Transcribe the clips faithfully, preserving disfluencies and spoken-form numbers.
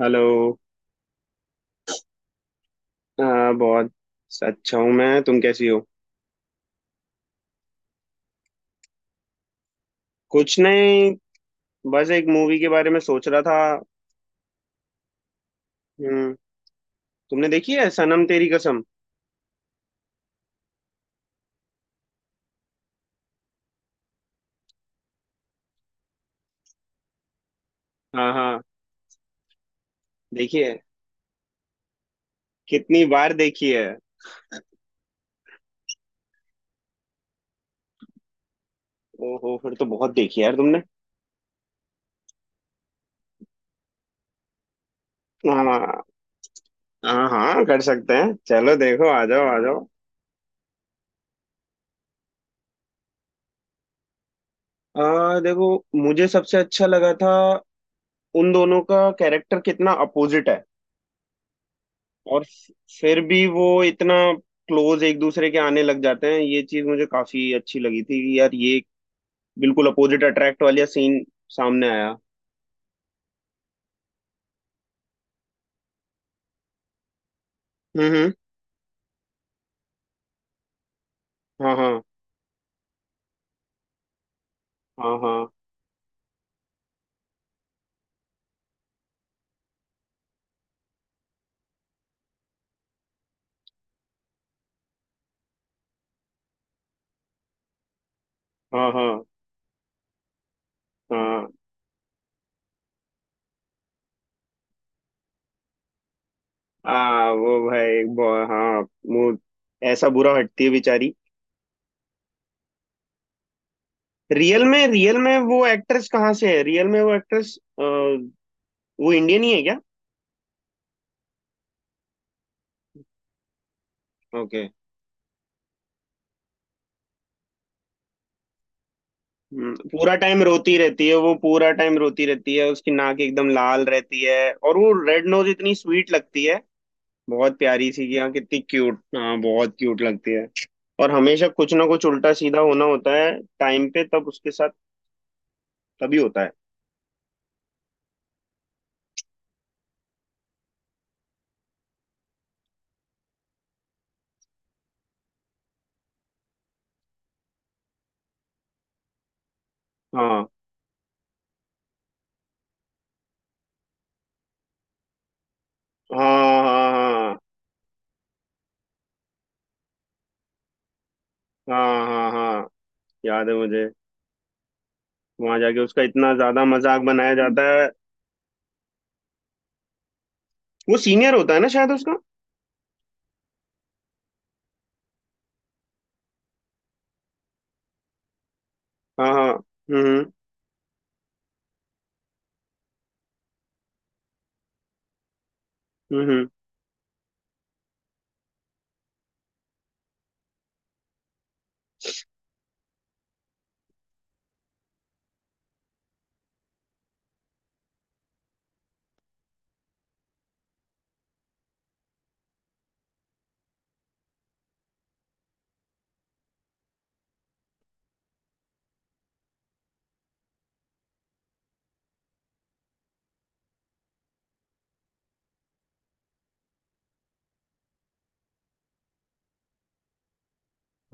Hello. हाँ, बहुत अच्छा हूँ। मैं, तुम कैसी हो? कुछ नहीं, बस एक मूवी के बारे में सोच रहा था। हम्म। तुमने देखी है सनम तेरी कसम? हाँ, हाँ, देखी है। कितनी बार देखी है? ओहो, फिर तो बहुत देखी है यार तुमने। हाँ, हाँ, हाँ, कर सकते हैं। चलो, देखो, आ जाओ, आ जाओ। आ, देखो, मुझे सबसे अच्छा लगा था उन दोनों का कैरेक्टर कितना अपोजिट है। और स- फिर भी वो इतना क्लोज एक दूसरे के आने लग जाते हैं। ये चीज मुझे काफी अच्छी लगी थी कि यार ये बिल्कुल अपोजिट अट्रैक्ट वाला सीन सामने आया। हम्म, हम्म। हाँ, हाँ, हाँ, हाँ, हाँ, हाँ, हाँ। आ, वो भाई बहु- हाँ, वो ऐसा बुरा हटती है बेचारी। रियल में, रियल में वो एक्ट्रेस कहाँ से है? रियल में वो एक्ट्रेस वो इंडियन ही है क्या? ओके। हम्म। पूरा टाइम रोती रहती है वो, पूरा टाइम रोती रहती है। उसकी नाक एकदम लाल रहती है, और वो रेड नोज इतनी स्वीट लगती है, बहुत प्यारी सी। कि हाँ, कितनी क्यूट, हाँ, बहुत क्यूट लगती है। और हमेशा कुछ ना कुछ उल्टा सीधा होना होता है टाइम पे तब उसके साथ, तभी होता है। हाँ, हाँ, हाँ, हाँ, हाँ, हाँ, हाँ। याद है मुझे। वहां जाके उसका इतना ज्यादा मजाक बनाया जाता है। वो सीनियर होता है ना शायद उसका? हाँ, हाँ। हम्म, हम्म, हम्म।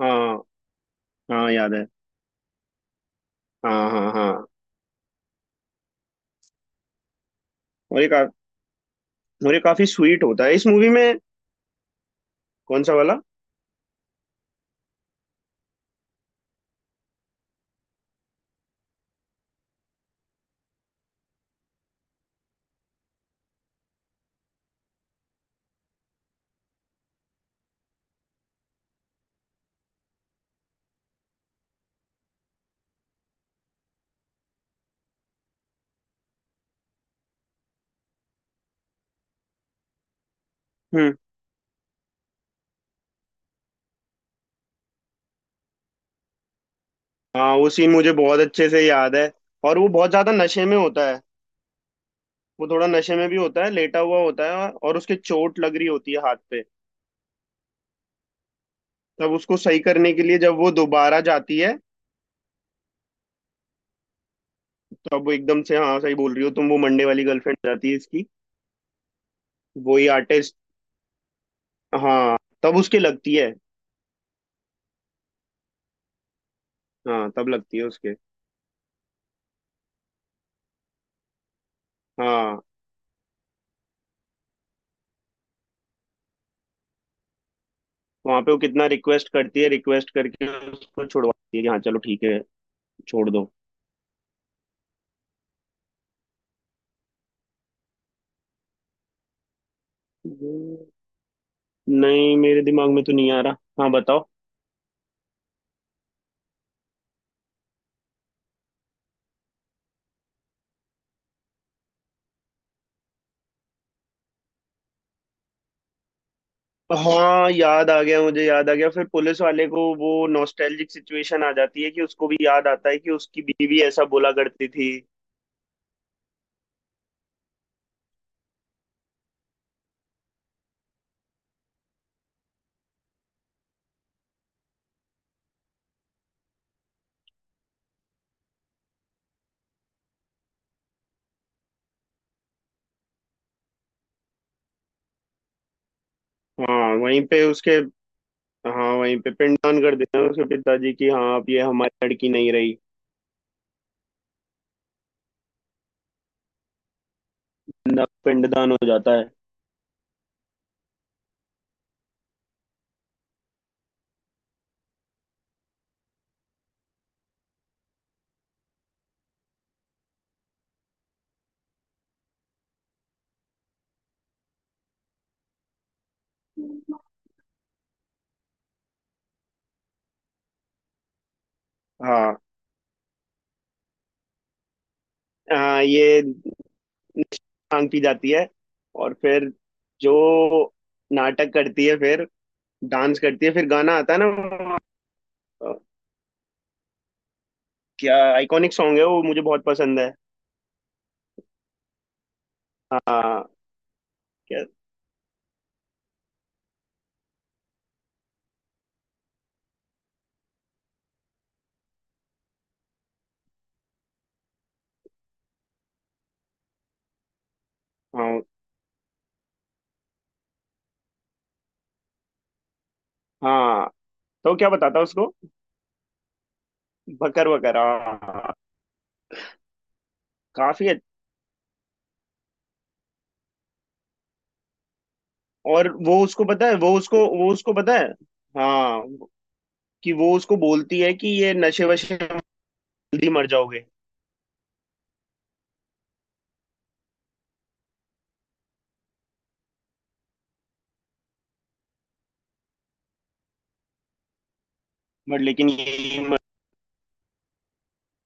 हाँ, हाँ, याद है। हाँ, हाँ, हाँ। और एक आ- और ये काफी स्वीट होता है इस मूवी में। कौन सा वाला? हम्म। हाँ, वो सीन मुझे बहुत अच्छे से याद है। और वो बहुत ज्यादा नशे में होता है। वो थोड़ा नशे में भी होता है, लेटा हुआ होता है, और उसके चोट लग रही होती है हाथ पे। तब उसको सही करने के लिए जब वो दोबारा जाती है, तब वो एकदम से, हाँ, सही बोल रही हो तुम, वो मंडे वाली गर्लफ्रेंड जाती है इसकी। वही आर्टिस्ट। हाँ, तब उसके लगती है। हाँ, तब लगती है उसके। हाँ, वहां पे वो कितना रिक्वेस्ट करती है, रिक्वेस्ट करके उसको छुड़वाती है कि हाँ, चलो, ठीक है, छोड़ दो। नहीं, मेरे दिमाग में तो नहीं आ रहा। हाँ, बताओ। हाँ, याद आ गया, मुझे याद आ गया। फिर पुलिस वाले को वो नॉस्टैल्जिक सिचुएशन आ जाती है कि उसको भी याद आता है कि उसकी बीवी ऐसा बोला करती थी। हाँ वहीं पे उसके, हाँ वहीं पे पिंडदान कर देते हैं उसके पिताजी की। हाँ, अब ये हमारी लड़की नहीं रही। पिंड- पिंडदान हो जाता है। हाँ, हाँ। ये भांग पी जाती है, और फिर जो नाटक करती है, फिर डांस करती है, फिर गाना आता है ना, क्या आइकॉनिक सॉन्ग है, वो मुझे बहुत पसंद है। हाँ। क्या? हाँ। हाँ, तो क्या बताता उसको? बकर बकर, हाँ। काफी अच्छ- और वो उसको पता है, वो उसको, वो उसको पता है। हाँ, कि वो उसको बोलती है कि ये नशे वशे में जल्दी मर जाओगे। बट लेकिन ये मर-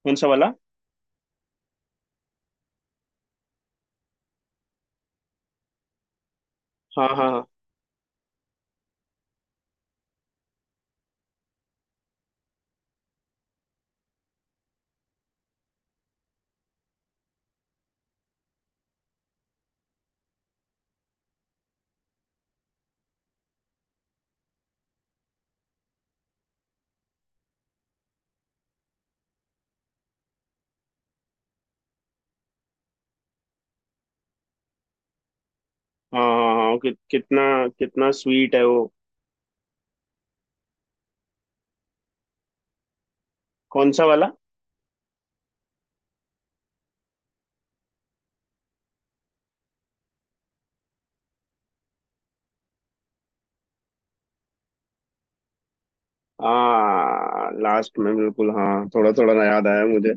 कौन सा वाला? हाँ, हाँ, हाँ, हाँ, हाँ, हाँ, कि कितना, कितना स्वीट है वो। कौन सा वाला? हाँ, लास्ट में, बिल्कुल हाँ, थोड़ा थोड़ा ना याद आया मुझे।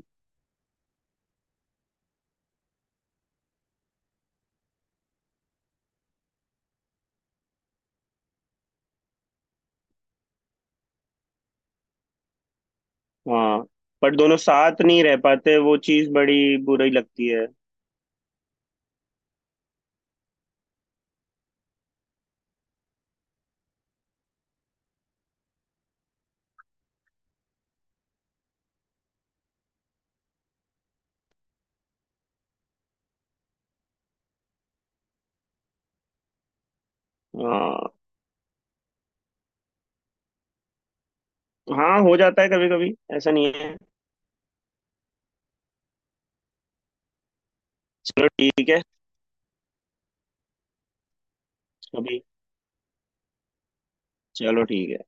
हाँ। पर दोनों साथ नहीं रह पाते, वो चीज बड़ी बुरी लगती है। हाँ, हाँ, हो जाता है कभी कभी, ऐसा नहीं है। चलो, ठीक है। अभी? चलो, ठीक है।